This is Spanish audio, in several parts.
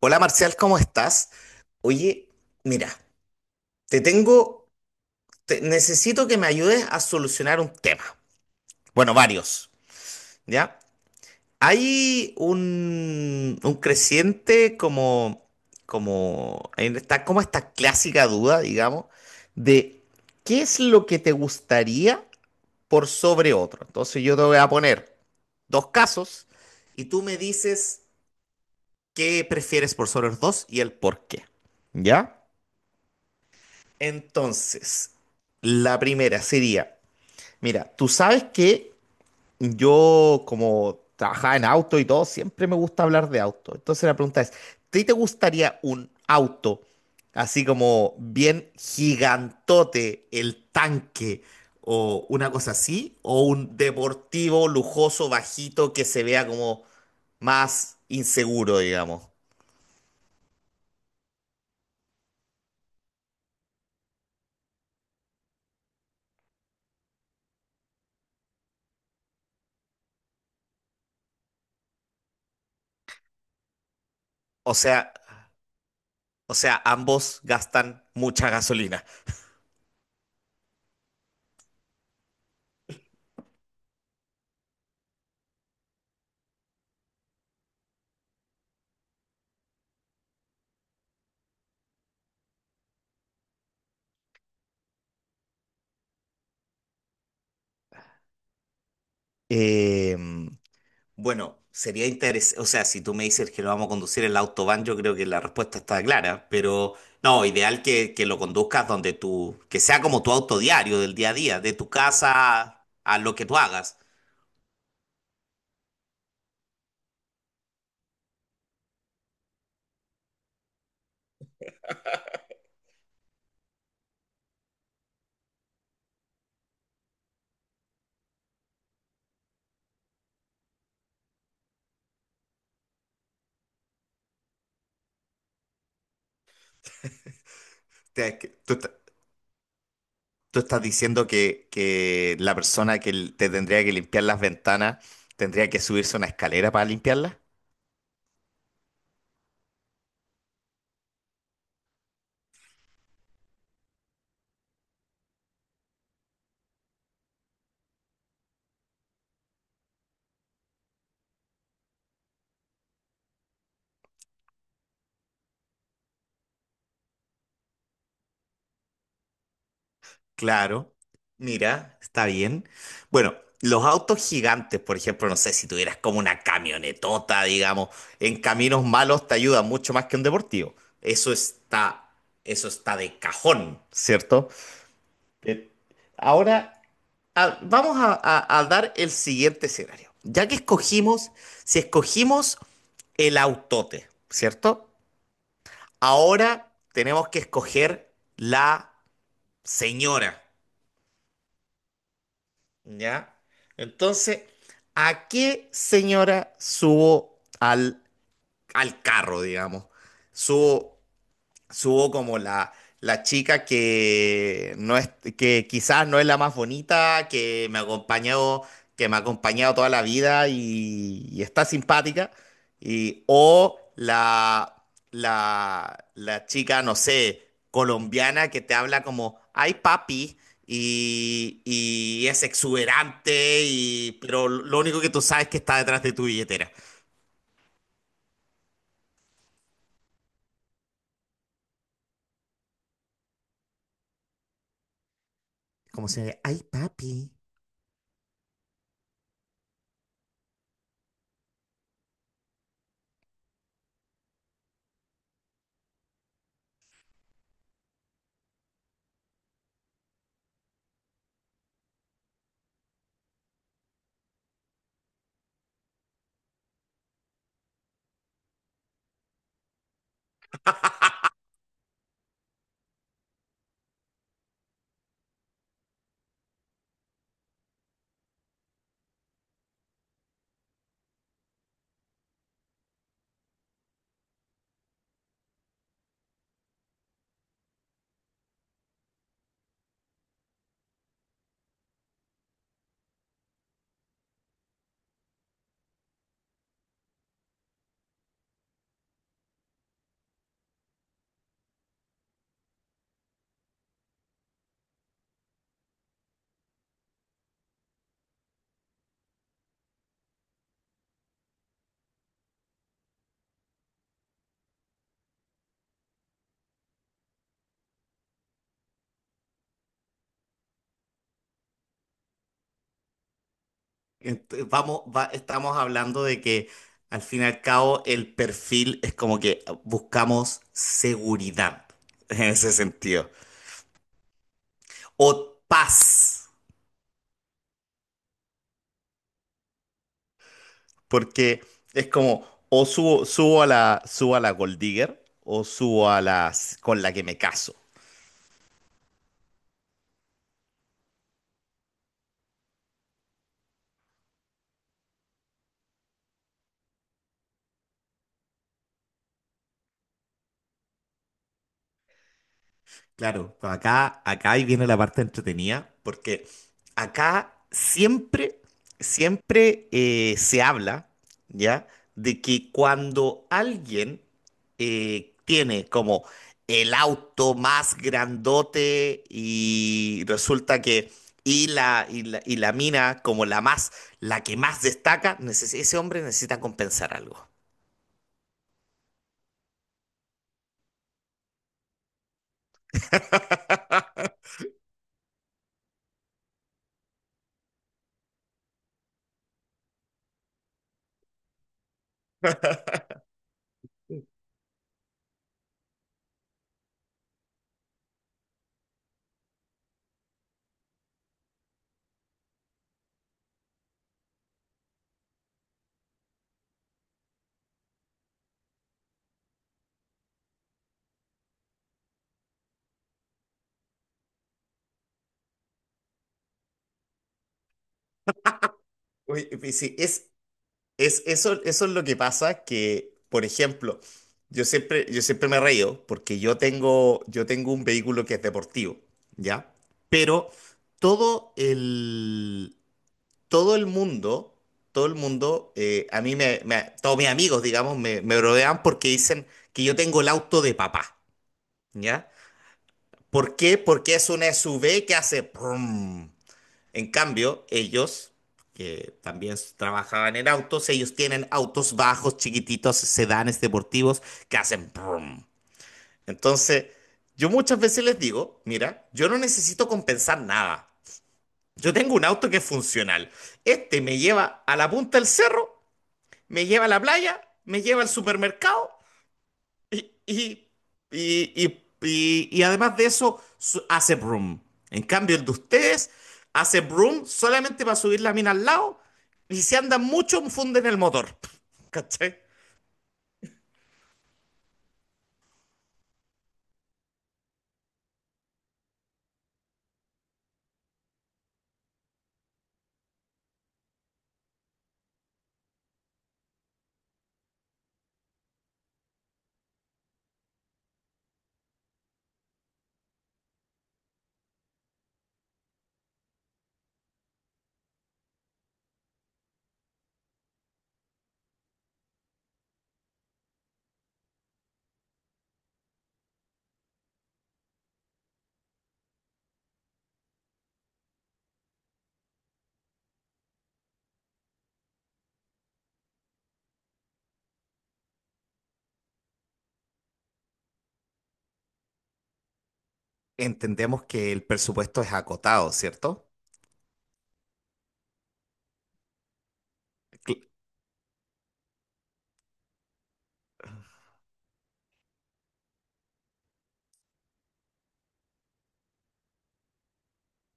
Hola Marcial, ¿cómo estás? Oye, mira, te tengo, necesito que me ayudes a solucionar un tema. Bueno, varios, ¿ya? Hay un creciente en esta, como esta clásica duda, digamos, de qué es lo que te gustaría por sobre otro. Entonces yo te voy a poner dos casos y tú me dices qué prefieres por sobre los dos y el por qué, ¿ya? Entonces, la primera sería, mira, tú sabes que yo como trabajaba en auto y todo, siempre me gusta hablar de auto. Entonces la pregunta es, ¿te gustaría un auto así como bien gigantote, el tanque o una cosa así, o un deportivo lujoso, bajito, que se vea como más inseguro, digamos? O sea, o sea, ambos gastan mucha gasolina. Em, Bueno, sería interesante, o sea, si tú me dices que lo vamos a conducir en el autobahn, yo creo que la respuesta está clara, pero no, ideal que lo conduzcas donde tú, que sea como tu auto diario del día a día, de tu casa a, lo que tú hagas. Te- que- Tú, est- tú estás diciendo que la persona que te tendría que limpiar las ventanas tendría que subirse a una escalera para limpiarlas. Claro, mira, está bien. Bueno, los autos gigantes, por ejemplo, no sé si tuvieras como una camionetota, digamos, en caminos malos te ayuda mucho más que un deportivo. Eso está, eso está de cajón, ¿cierto? Eh, Ahora, vamos a, a dar el siguiente escenario. Si escogimos el autote, ¿cierto? Ahora tenemos que escoger la señora. ¿Ya? Entonces, ¿a qué señora subo al carro, digamos? Subo subo como la chica que no es, que quizás no es la más bonita, que me ha acompañado toda la vida y está simpática. Y, o la chica, no sé, colombiana que te habla como, ay papi. Y es exuberante, y, pero lo único que tú sabes es que está detrás de tu billetera. Como se, ay papi. Estamos hablando de que al fin y al cabo el perfil es como que buscamos seguridad en ese sentido. O paz, porque es como o subo a la Gold Digger o subo a las con la que me caso. Claro, pues acá ahí viene la parte entretenida, porque acá siempre, siempre se habla, ¿ya? De que cuando alguien tiene como el auto más grandote y resulta que, y la mina como la más, la que más destaca, ese hombre necesita compensar algo. Oye, y si es Es, eso es lo que pasa que, por ejemplo, yo siempre me reío porque yo tengo un vehículo que es deportivo, ¿ya? Pero todo el, todo el mundo, todo el mundo, a mí me, me- todos mis amigos, digamos, me rodean porque dicen que yo tengo el auto de papá, ¿ya? ¿Por qué? Porque es una SUV que hace brum. En cambio, ellos, que también trabajaban en autos, ellos tienen autos bajos, chiquititos, sedanes deportivos que hacen brum. Entonces, yo muchas veces les digo, mira, yo no necesito compensar nada. Yo tengo un auto que es funcional. Este me lleva a la punta del cerro, me lleva a la playa, me lleva al supermercado y, y, y además de eso, hace broom. En cambio, el de ustedes hace broom solamente para subir la mina al lado y si andan mucho, funden el motor. ¿Cachai? Entendemos que el presupuesto es acotado, ¿cierto? Cl-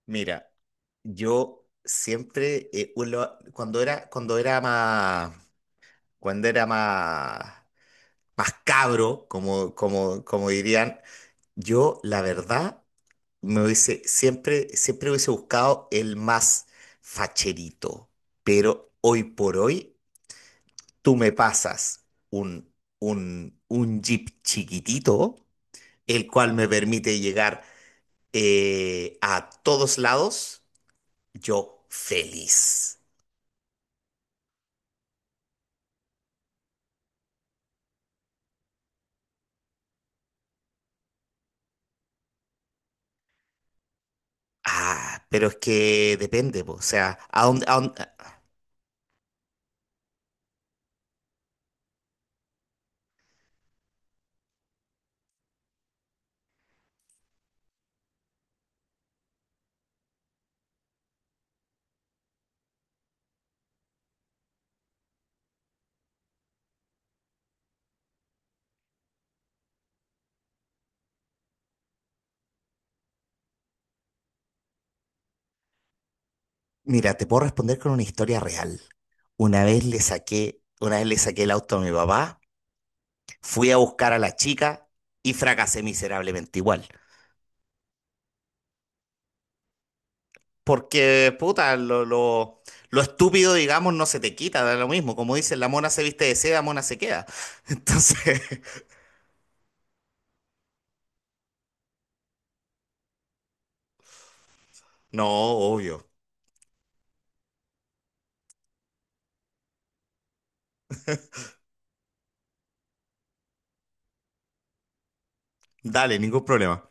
Mira, yo siempre, cuando cuando era más, más cabro, como, como, como dirían, yo la verdad me hubiese, siempre hubiese buscado el más facherito, pero hoy por hoy tú me pasas un, un Jeep chiquitito, el cual me permite llegar a todos lados, yo feliz. Ah, pero es que depende, po, o sea, a- Mira, te puedo responder con una historia real. Una vez le saqué el auto a mi papá. Fui a buscar a la chica y fracasé miserablemente igual. Porque, puta, lo estúpido, digamos, no se te quita, da lo mismo. Como dicen, la mona se viste de seda, mona se queda. Entonces, no, obvio. Dale, ningún problema.